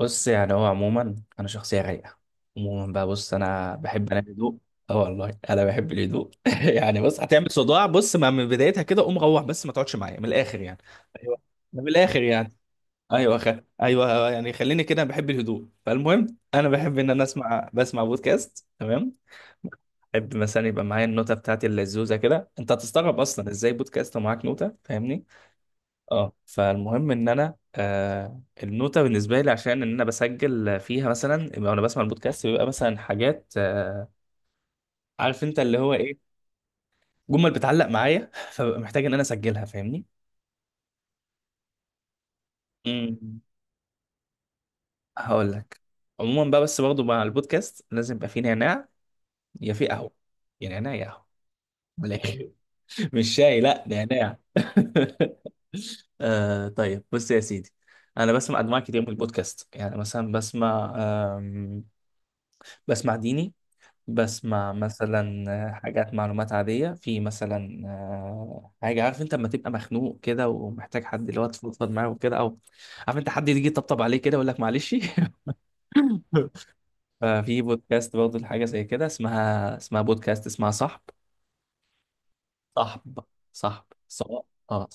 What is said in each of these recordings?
بص، يعني هو عموما انا شخصيه رايقه. عموما بقى، بص، انا بحب انا الهدوء. اه والله انا بحب الهدوء. يعني بص، هتعمل صداع. بص، ما من بدايتها كده قوم روح، بس ما تقعدش معايا، من الاخر يعني. ايوه، ده من الاخر يعني. ايوه خ... ايوه، يعني خليني كده، بحب الهدوء. فالمهم، انا بحب ان انا بسمع بودكاست. تمام. بحب مثلا يبقى معايا النوتة بتاعتي اللزوزة كده. انت هتستغرب اصلا ازاي بودكاست ومعاك نوتة، فاهمني. اه، فالمهم ان انا النوته بالنسبه لي، عشان ان انا بسجل فيها، مثلا يبقى وانا بسمع البودكاست بيبقى مثلا حاجات، عارف انت اللي هو ايه، جمل بتعلق معايا. فببقى محتاج ان انا اسجلها، فاهمني. امم هقول لك. عموما بقى، بس برضه مع البودكاست لازم يبقى فيه نعناع. يا في قهوه يا نعناع يا قهوه، من الاخر. مش شاي، لا، نعناع. طيب، بص يا سيدي، انا بسمع انواع كتير من البودكاست. يعني مثلا بسمع، بسمع ديني، بسمع مثلا حاجات معلومات عادية في، مثلا حاجة عارف انت لما تبقى مخنوق كده ومحتاج حد اللي هو تفضفض معاه وكده، او عارف انت حد يجي يطبطب عليه كده يقول لك معلش. ففي بودكاست برضه لحاجة زي كده، اسمها اسمها بودكاست اسمها صاحب. صاحب صاحب صاحب. اه.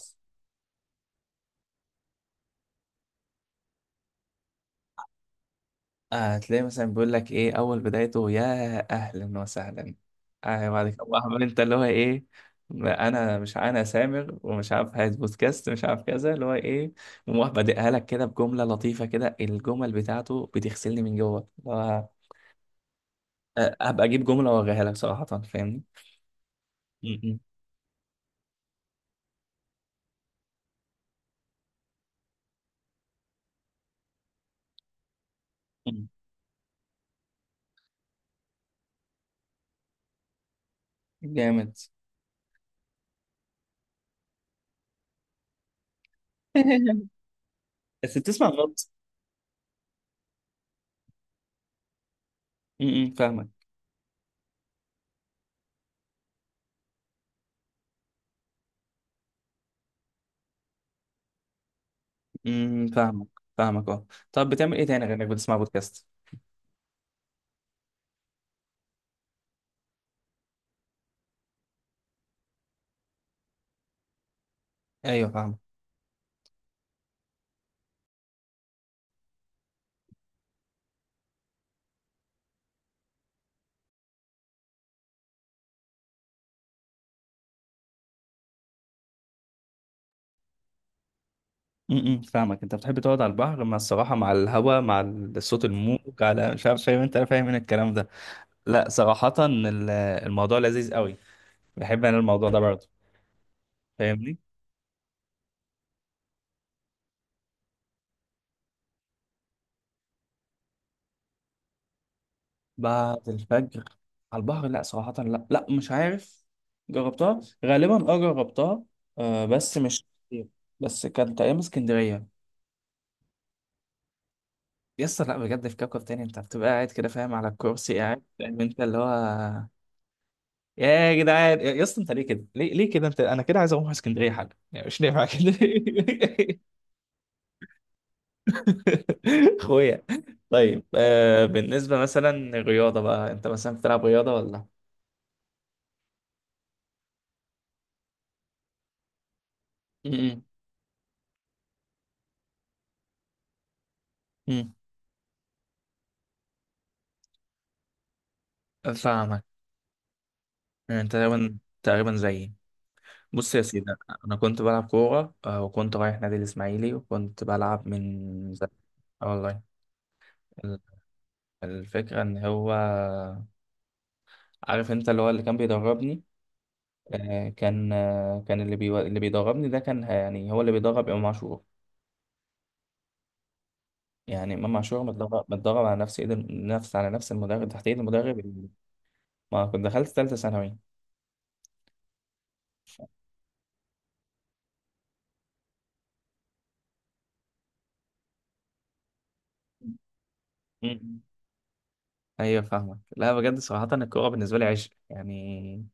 هتلاقي مثلا بيقول لك ايه، اول بدايته، يا اهلا وسهلا. بعد كده بقى عمال انت اللي هو ايه، ما انا مش، انا سامر ومش عارف، عايز بودكاست مش عارف كذا، اللي هو ايه. ومروح بادئها لك كده بجمله لطيفه كده، الجمل بتاعته بتغسلني من جوه اللي هو، هبقى اجيب جمله واوريها لك صراحه، فاهمني. م- م- م. جامد. بس بتسمع غلط. م- م، فاهمك. فاهمك. فاهمك، اه. طب بتعمل ايه تاني غير انك بتسمع بودكاست؟ ايوه فاهمك. فاهمك. انت بتحب تقعد على البحر، مع الصراحه، مع الهواء، مع الصوت، الموج، على مش عارف، فاهم انت فاهم من الكلام ده؟ لا صراحه، الموضوع لذيذ قوي. بحب انا الموضوع ده برضه، فاهمني. بعد الفجر على البحر؟ لا صراحه، لا لا، مش عارف. جربتها غالبا، اه جربتها. آه بس مش كتير. بس كانت ايام اسكندريه. يس، لا بجد في كوكب تاني، انت بتبقى قاعد كده فاهم، على الكرسي قاعد، فاهم انت اللي هو، يا جدعان، يا يا اسطى، انت ليه كده؟ ليه كده، انت انا كده عايز اروح اسكندريه حاجه يعني، مش نافع كده. اخويا. طيب، بالنسبه مثلا الرياضه بقى، انت مثلا بتلعب رياضه ولا؟ م- م- فاهمك. يعني انت تقريبا تقريبا زيي. بص يا سيدي، انا كنت بلعب كوره، وكنت رايح نادي الاسماعيلي، وكنت بلعب من زمان. اه والله. ال- الفكرة ان هو، عارف انت اللي هو اللي كان بيدربني، كان، كان اللي بيدربني ده كان، يعني هو اللي بيدرب امام عاشور. يعني امام عاشور متدرب على نفس ايد نفس، على نفس المدرب، تحت ايد المدرب ما كنت دخلت ثالثه ثانوي. مم. ايوه فاهمك. لا بجد صراحه، الكوره بالنسبه لي عشق يعني.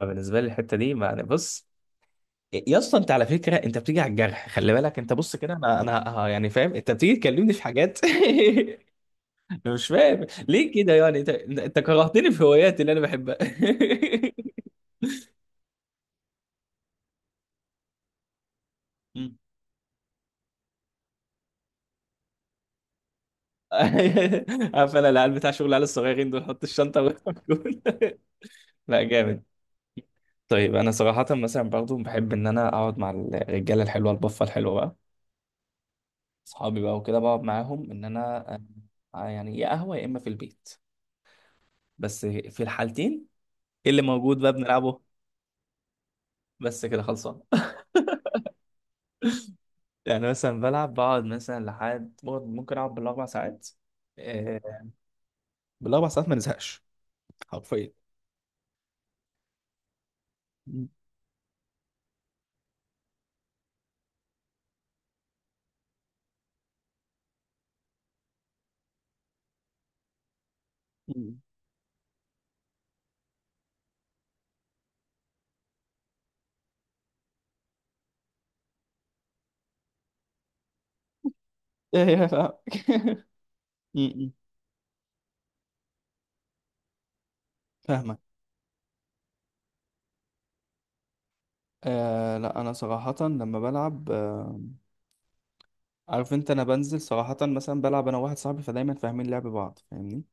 بالنسبه لي الحته دي، ما بص، يا اسطى انت على فكره انت بتيجي على الجرح، خلي بالك، انت بص كده، يعني فاهم، انت بتيجي تكلمني في حاجات. مش فاهم ليه كده، يعني انت انت كرهتني في هواياتي اللي انا بحبها. عارف انا العيال بتاع شغل العيال الصغيرين دول، حط الشنطه وجول. لا جامد. طيب انا صراحه مثلا برضو بحب ان انا اقعد مع الرجاله الحلوه، البفه الحلوه بقى، اصحابي بقى وكده، بقعد معاهم ان انا، يعني يا قهوه يا اما في البيت. بس في الحالتين، إيه اللي موجود بقى بنلعبه؟ بس كده خلصان. يعني مثلا بلعب، بقعد مثلا لحد ممكن اقعد بالاربع ساعات، آه، بالاربع ساعات ما نزهقش، حرفيا. م- م. ايه يا، فاهمك. م- م. فاهمك. لا انا صراحة لما بلعب، عارف انت، انا بنزل صراحة مثلا بلعب انا واحد صاحبي، فدايما فاهمين لعب بعض، فاهمني.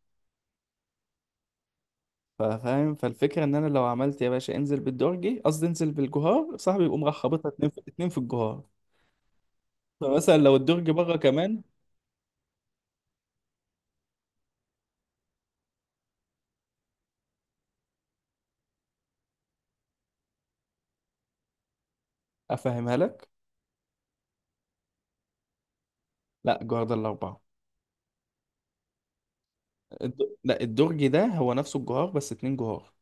ففاهم، فالفكرة ان انا لو عملت يا باشا انزل بالدرجي، قصدي انزل بالجهار، صاحبي يقوم راح خابطها اتنين في اتنين في الجهار. فمثلا لو الدرج بره كمان، افهمها لك. لا الجهار ده الاربعة. لا الدرج ده هو نفسه الجهار، بس اتنين جهار.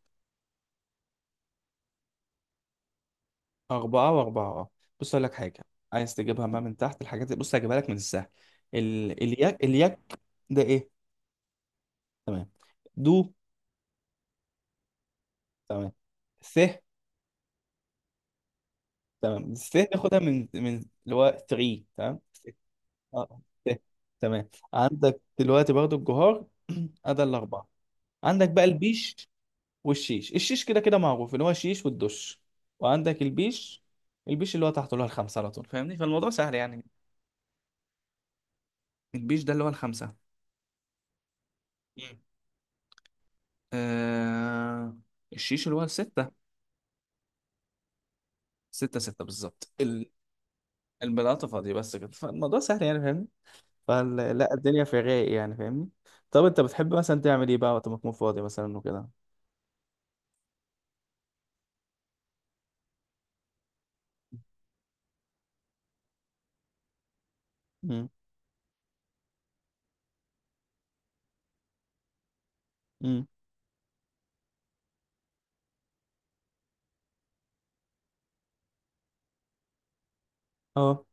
اربعة واربعة، اه. بص اقول لك حاجة. عايز تجيبها ما من تحت الحاجات دي، بص هجيبها لك من السهل. الياك، الياك ده ايه؟ تمام. دو. تمام. س. تمام. س ناخدها من اللي هو 3. تمام، س. اه، س. تمام، عندك دلوقتي برضو الجهار. ادي الاربعه. عندك بقى البيش، والشيش. الشيش كده كده معروف، اللي هو الشيش والدش. وعندك البيش. البيش اللي هو تحته، اللي هو الخمسه على طول، فاهمني، فالموضوع سهل يعني. البيش ده اللي هو الخمسه. مم. آه... الشيش اللي هو السته. ستة ستة بالظبط. البلاطة فاضية، بس كده، فالموضوع سهل يعني، فاهمني. فلا، الدنيا في الرايق يعني، فاهمني. طب انت بتحب مثلا تعمل ايه بقى وقت ما تكون فاضي مثلا وكده؟ امم امم اه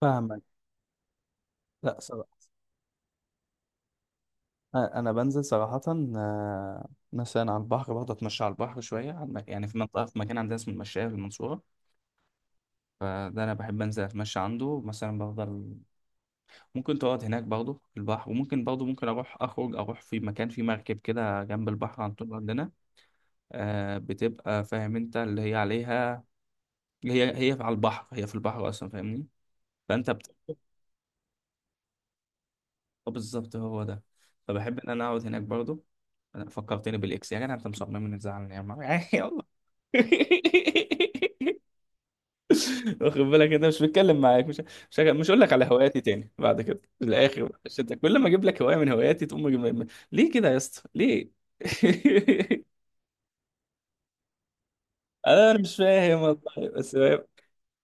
فاهمك. لا صراحة، انا بنزل صراحة، مثلا على البحر، بقعد اتمشى على البحر شوية، على يعني في منطقة، في مكان عندنا اسمه المشاية في المنصورة. فده انا بحب انزل اتمشى عنده مثلا، بفضل. ممكن تقعد هناك برضه في البحر، وممكن برضه ممكن اروح اخرج اروح في مكان في مركب كده جنب البحر عن طول عندنا. بتبقى فاهم انت اللي هي عليها، هي على البحر، هي في البحر اصلا، فاهمني. فانت بت... آه بالظبط، هو ده. فبحب ان انا اقعد هناك برضو. أنا فكرتني بالاكس، يا جدع انت مصمم ان تزعلني يا عم. يعني يلا. واخد بالك انت مش بتكلم، معاك مش، مش هقول لك على هواياتي تاني بعد كده، في الاخر، عشان أنت كل ما اجيب لك هوايه من هواياتي تقوم ليه كده يا اسطى ليه؟ انا مش فاهم والله. بس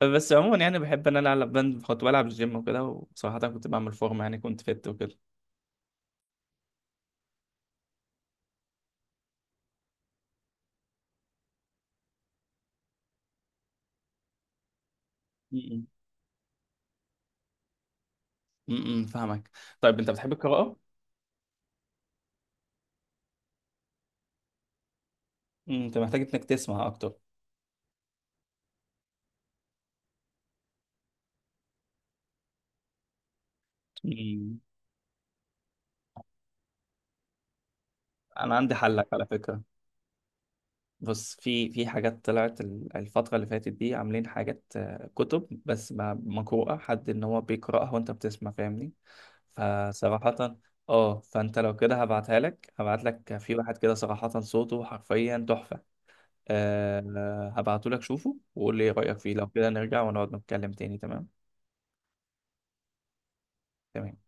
بس عموما يعني بحب ان انا العب بند، كنت بلعب الجيم وكده، وصراحه كنت بعمل فورمه، يعني كنت فت وكده. فاهمك. طيب انت بتحب القراءة؟ مم، انت محتاج انك تسمع اكتر. مم. انا عندي حلك على فكرة. بص، في في حاجات طلعت الفترة اللي فاتت دي، عاملين حاجات، كتب، بس مقروءة، حد ان هو بيقرأها وانت بتسمع، فاهمني. فصراحة، اه، فانت لو كده هبعتها لك، هبعت لك في واحد كده صراحة صوته حرفيا تحفة. أه هبعته لك، شوفه وقول لي ايه رأيك فيه، لو كده نرجع ونقعد نتكلم تاني، تمام؟ تمام.